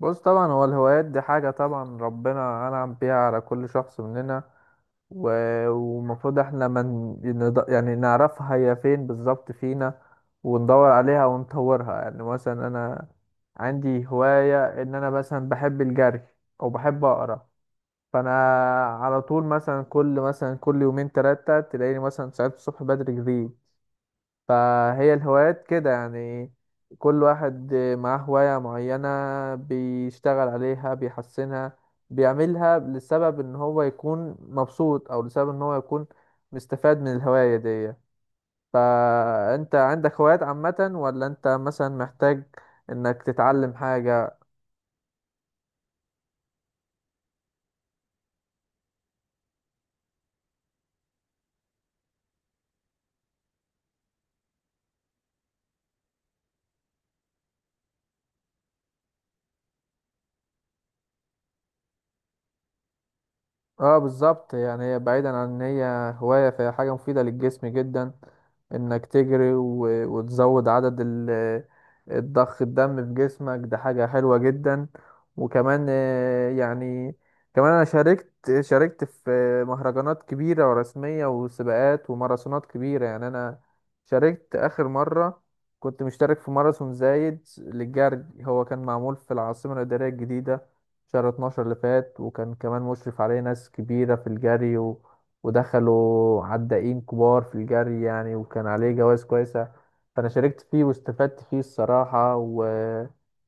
بص طبعا هو الهوايات دي حاجة، طبعا ربنا أنعم بيها على كل شخص مننا. والمفروض احنا من يعني نعرفها هي فين بالظبط فينا، وندور عليها ونطورها. يعني مثلا أنا عندي هواية إن أنا مثلا بحب الجري أو بحب أقرأ، فأنا على طول مثلا كل يومين تلاتة تلاقيني مثلا ساعات الصبح بدري جري. فهي الهوايات كده يعني، كل واحد معاه هواية معينة، بيشتغل عليها، بيحسنها، بيعملها لسبب ان هو يكون مبسوط او لسبب ان هو يكون مستفاد من الهواية دي. فانت عندك هوايات عامة ولا انت مثلا محتاج انك تتعلم حاجة؟ اه، بالظبط. يعني هي بعيدا عن ان هي هواية، فهي حاجة مفيدة للجسم جدا، انك تجري وتزود عدد الضخ الدم في جسمك، ده حاجة حلوة جدا. وكمان يعني كمان انا شاركت في مهرجانات كبيرة ورسمية وسباقات وماراثونات كبيرة. يعني انا شاركت اخر مرة كنت مشترك في ماراثون زايد للجري، هو كان معمول في العاصمة الإدارية الجديدة شهر 12 اللي فات، وكان كمان مشرف عليه ناس كبيرة في الجري، ودخلوا عدائين كبار في الجري يعني، وكان عليه جوائز كويسة. فأنا شاركت فيه واستفدت فيه الصراحة،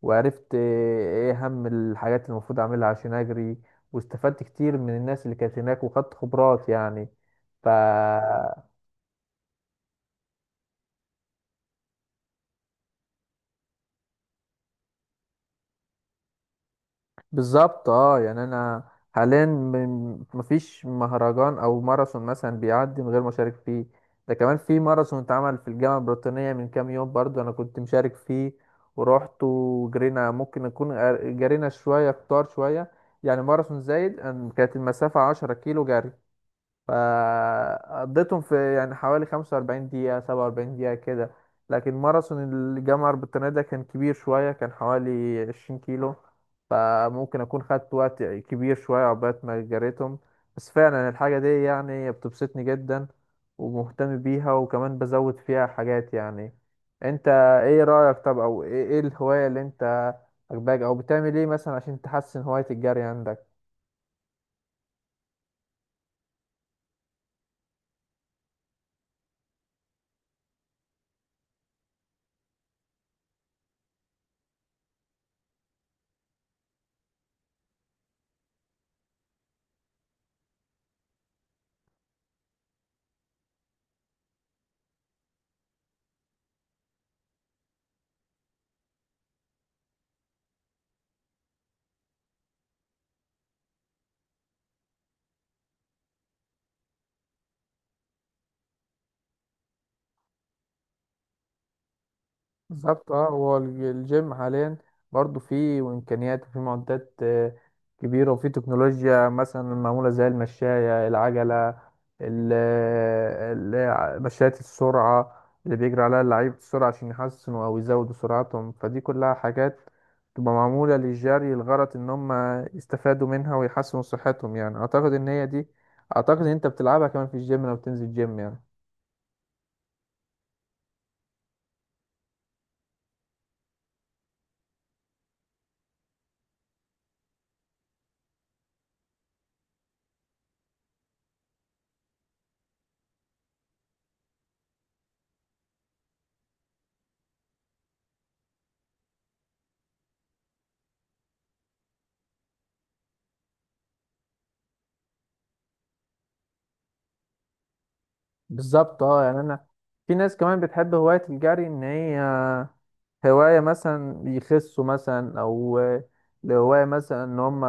وعرفت إيه أهم الحاجات اللي المفروض أعملها عشان أجري، واستفدت كتير من الناس اللي كانت هناك وخدت خبرات يعني. ف... مم. بالظبط، اه. يعني انا حاليا مفيش مهرجان او ماراثون مثلا بيعدي من غير ما اشارك فيه. ده كمان في ماراثون اتعمل في الجامعه البريطانيه من كام يوم، برضو انا كنت مشارك فيه ورحت وجرينا. ممكن نكون جرينا شويه كتار شويه. يعني ماراثون زايد كانت المسافه 10 كيلو جري، فقضيتهم في يعني حوالي 45 دقيقة 47 دقيقة كده. لكن ماراثون الجامعة البريطانية ده كان كبير شوية، كان حوالي 20 كيلو، فممكن أكون خدت وقت كبير شوية عقبال ما جريتهم. بس فعلا الحاجة دي يعني بتبسطني جدا ومهتم بيها وكمان بزود فيها حاجات يعني. انت ايه رأيك؟ طب او ايه إيه الهواية اللي انت عجباك، او بتعمل ايه مثلا عشان تحسن هواية الجري عندك؟ بالظبط، اه. هو الجيم حاليا برضو فيه امكانيات وفيه معدات كبيره، وفيه تكنولوجيا مثلا معموله زي المشايه العجله، مشاية السرعه اللي بيجري عليها اللعيب السرعه عشان يحسنوا او يزودوا سرعتهم. فدي كلها حاجات تبقى معموله للجري، الغرض ان هم يستفادوا منها ويحسنوا صحتهم. يعني اعتقد ان هي دي، اعتقد ان انت بتلعبها كمان في الجيم لو بتنزل جيم يعني. بالظبط، اه. يعني انا في ناس كمان بتحب هواية الجري ان هي هواية مثلا يخسوا مثلا، او هواية مثلا ان هم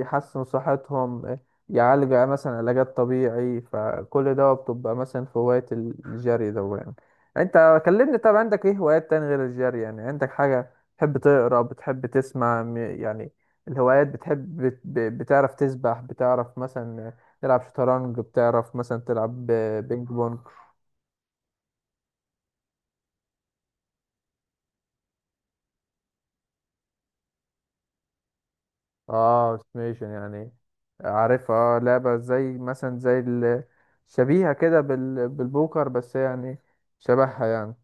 يحسنوا صحتهم، يعالجوا مثلا علاجات طبيعي، فكل ده بتبقى مثلا في هواية الجري ده يعني. انت كلمني، طب عندك ايه هوايات تاني غير الجري؟ يعني عندك حاجة بتحب تقرا، بتحب تسمع، يعني الهوايات، بتحب بتعرف تسبح، بتعرف مثلا تلعب شطرنج، بتعرف مثلا تلعب بينج بونج؟ اه، استيميشن، يعني عارفها، اه. لعبة زي مثلا زي شبيهة كده بالبوكر، بس يعني شبهها يعني.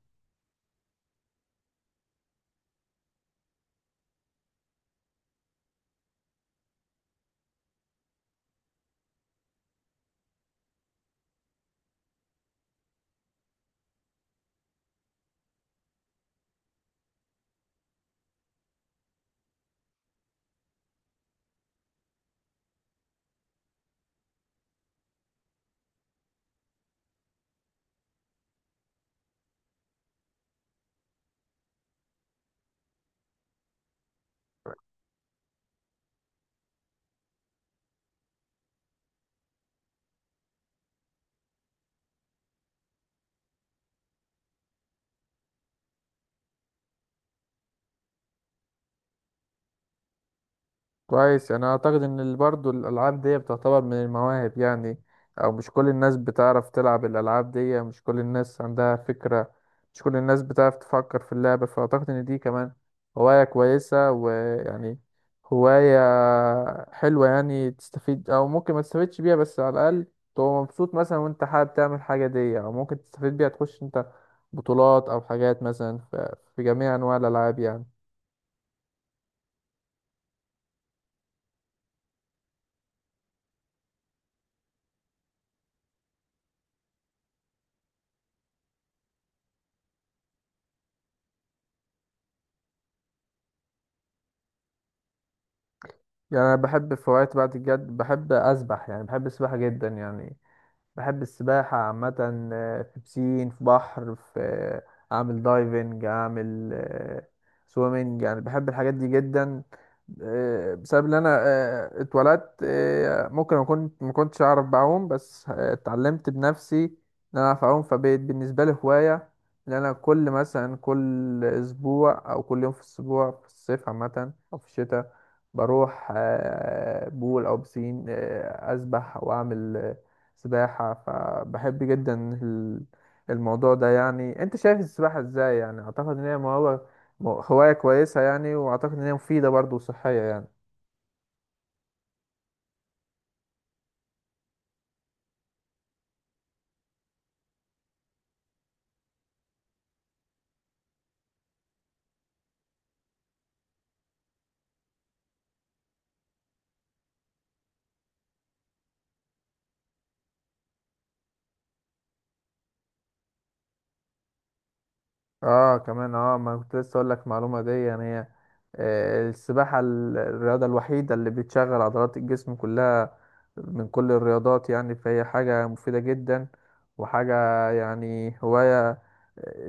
كويس، يعني انا اعتقد ان برضه الالعاب دي بتعتبر من المواهب يعني، او مش كل الناس بتعرف تلعب الالعاب دي، مش كل الناس عندها فكرة، مش كل الناس بتعرف تفكر في اللعبة. فاعتقد ان دي كمان هواية كويسة، ويعني هواية حلوة يعني، تستفيد او ممكن ما تستفيدش بيها، بس على الاقل تبقى مبسوط مثلا وانت حابب تعمل حاجة دي، او ممكن تستفيد بيها تخش انت بطولات او حاجات مثلا. في جميع انواع الالعاب يعني. يعني انا بحب في وقت بعد الجد بحب اسبح، يعني بحب السباحه جدا يعني، بحب السباحة عامة. في بسين، في بحر، في أعمل دايفنج، أعمل سويمنج، يعني بحب الحاجات دي جدا. بسبب إن أنا اتولدت ممكن أكون ما كنتش أعرف بعوم، بس اتعلمت بنفسي إن أنا أعرف أعوم. فبقت بالنسبة لي هواية إن أنا كل مثلا كل أسبوع أو كل يوم في الأسبوع في الصيف عامة أو في الشتاء، بروح بول أو بسين أسبح أو أعمل سباحة. فبحب جدا ال- الموضوع ده يعني. انت شايف السباحة ازاي؟ يعني اعتقد ان هي هواية كويسة يعني، واعتقد ان هي مفيدة برضه وصحية يعني. اه كمان، اه. ما كنت لسه اقول لك معلومه دي، يعني هي السباحه الرياضه الوحيده اللي بتشغل عضلات الجسم كلها من كل الرياضات يعني. فهي حاجه مفيده جدا، وحاجه يعني هوايه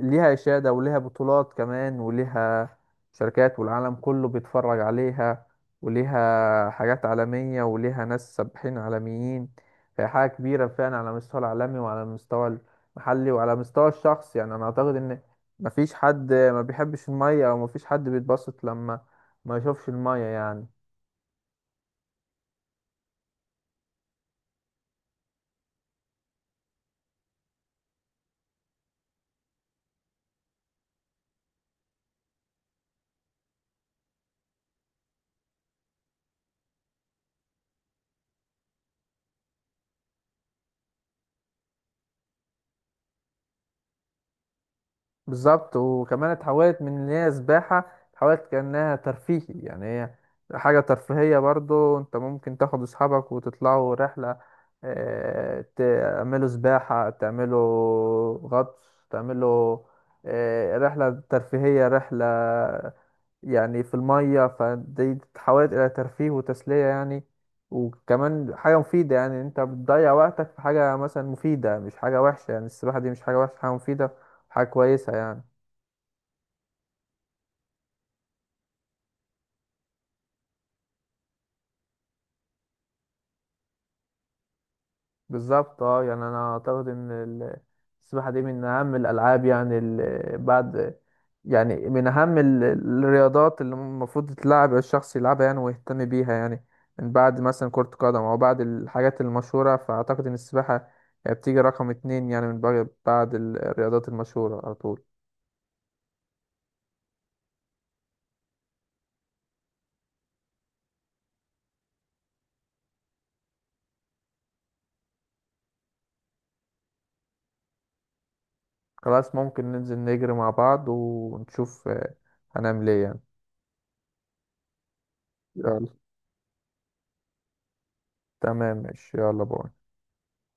ليها اشاده وليها بطولات كمان، وليها شركات والعالم كله بيتفرج عليها، وليها حاجات عالميه وليها ناس سباحين عالميين. فهي حاجه كبيره فعلا على مستوى العالمي وعلى المستوى المحلي وعلى مستوى الشخص. يعني انا اعتقد ان مفيش حد ما بيحبش المية، او مفيش حد بيتبسط لما ما يشوفش المية يعني. بالظبط. وكمان اتحولت من ان هي سباحة، اتحولت كأنها ترفيهي يعني، هي حاجة ترفيهية برضو. انت ممكن تاخد اصحابك وتطلعوا رحلة، اه، تعملوا سباحة، تعملوا غطس، تعملوا اه، رحلة ترفيهية، رحلة يعني في المية. فدي تتحول إلى ترفيه وتسلية يعني، وكمان حاجة مفيدة. يعني أنت بتضيع وقتك في حاجة مثلا مفيدة مش حاجة وحشة، يعني السباحة دي مش حاجة وحشة، حاجة مفيدة، حاجة كويسة يعني. بالظبط، اه. يعني انا اعتقد ان السباحه دي من اهم الالعاب، يعني ال- بعد يعني من اهم الرياضات اللي المفروض تتلعب الشخص يلعبها يعني ويهتم بيها، يعني من بعد مثلا كره قدم او بعد الحاجات المشهوره. فاعتقد ان السباحه بتيجي رقم اتنين يعني، من بعد الرياضات المشهوره على طول. خلاص، ممكن ننزل نجري مع بعض ونشوف هنعمل ايه يعني. يلا. تمام، ماشي، يلا، باي.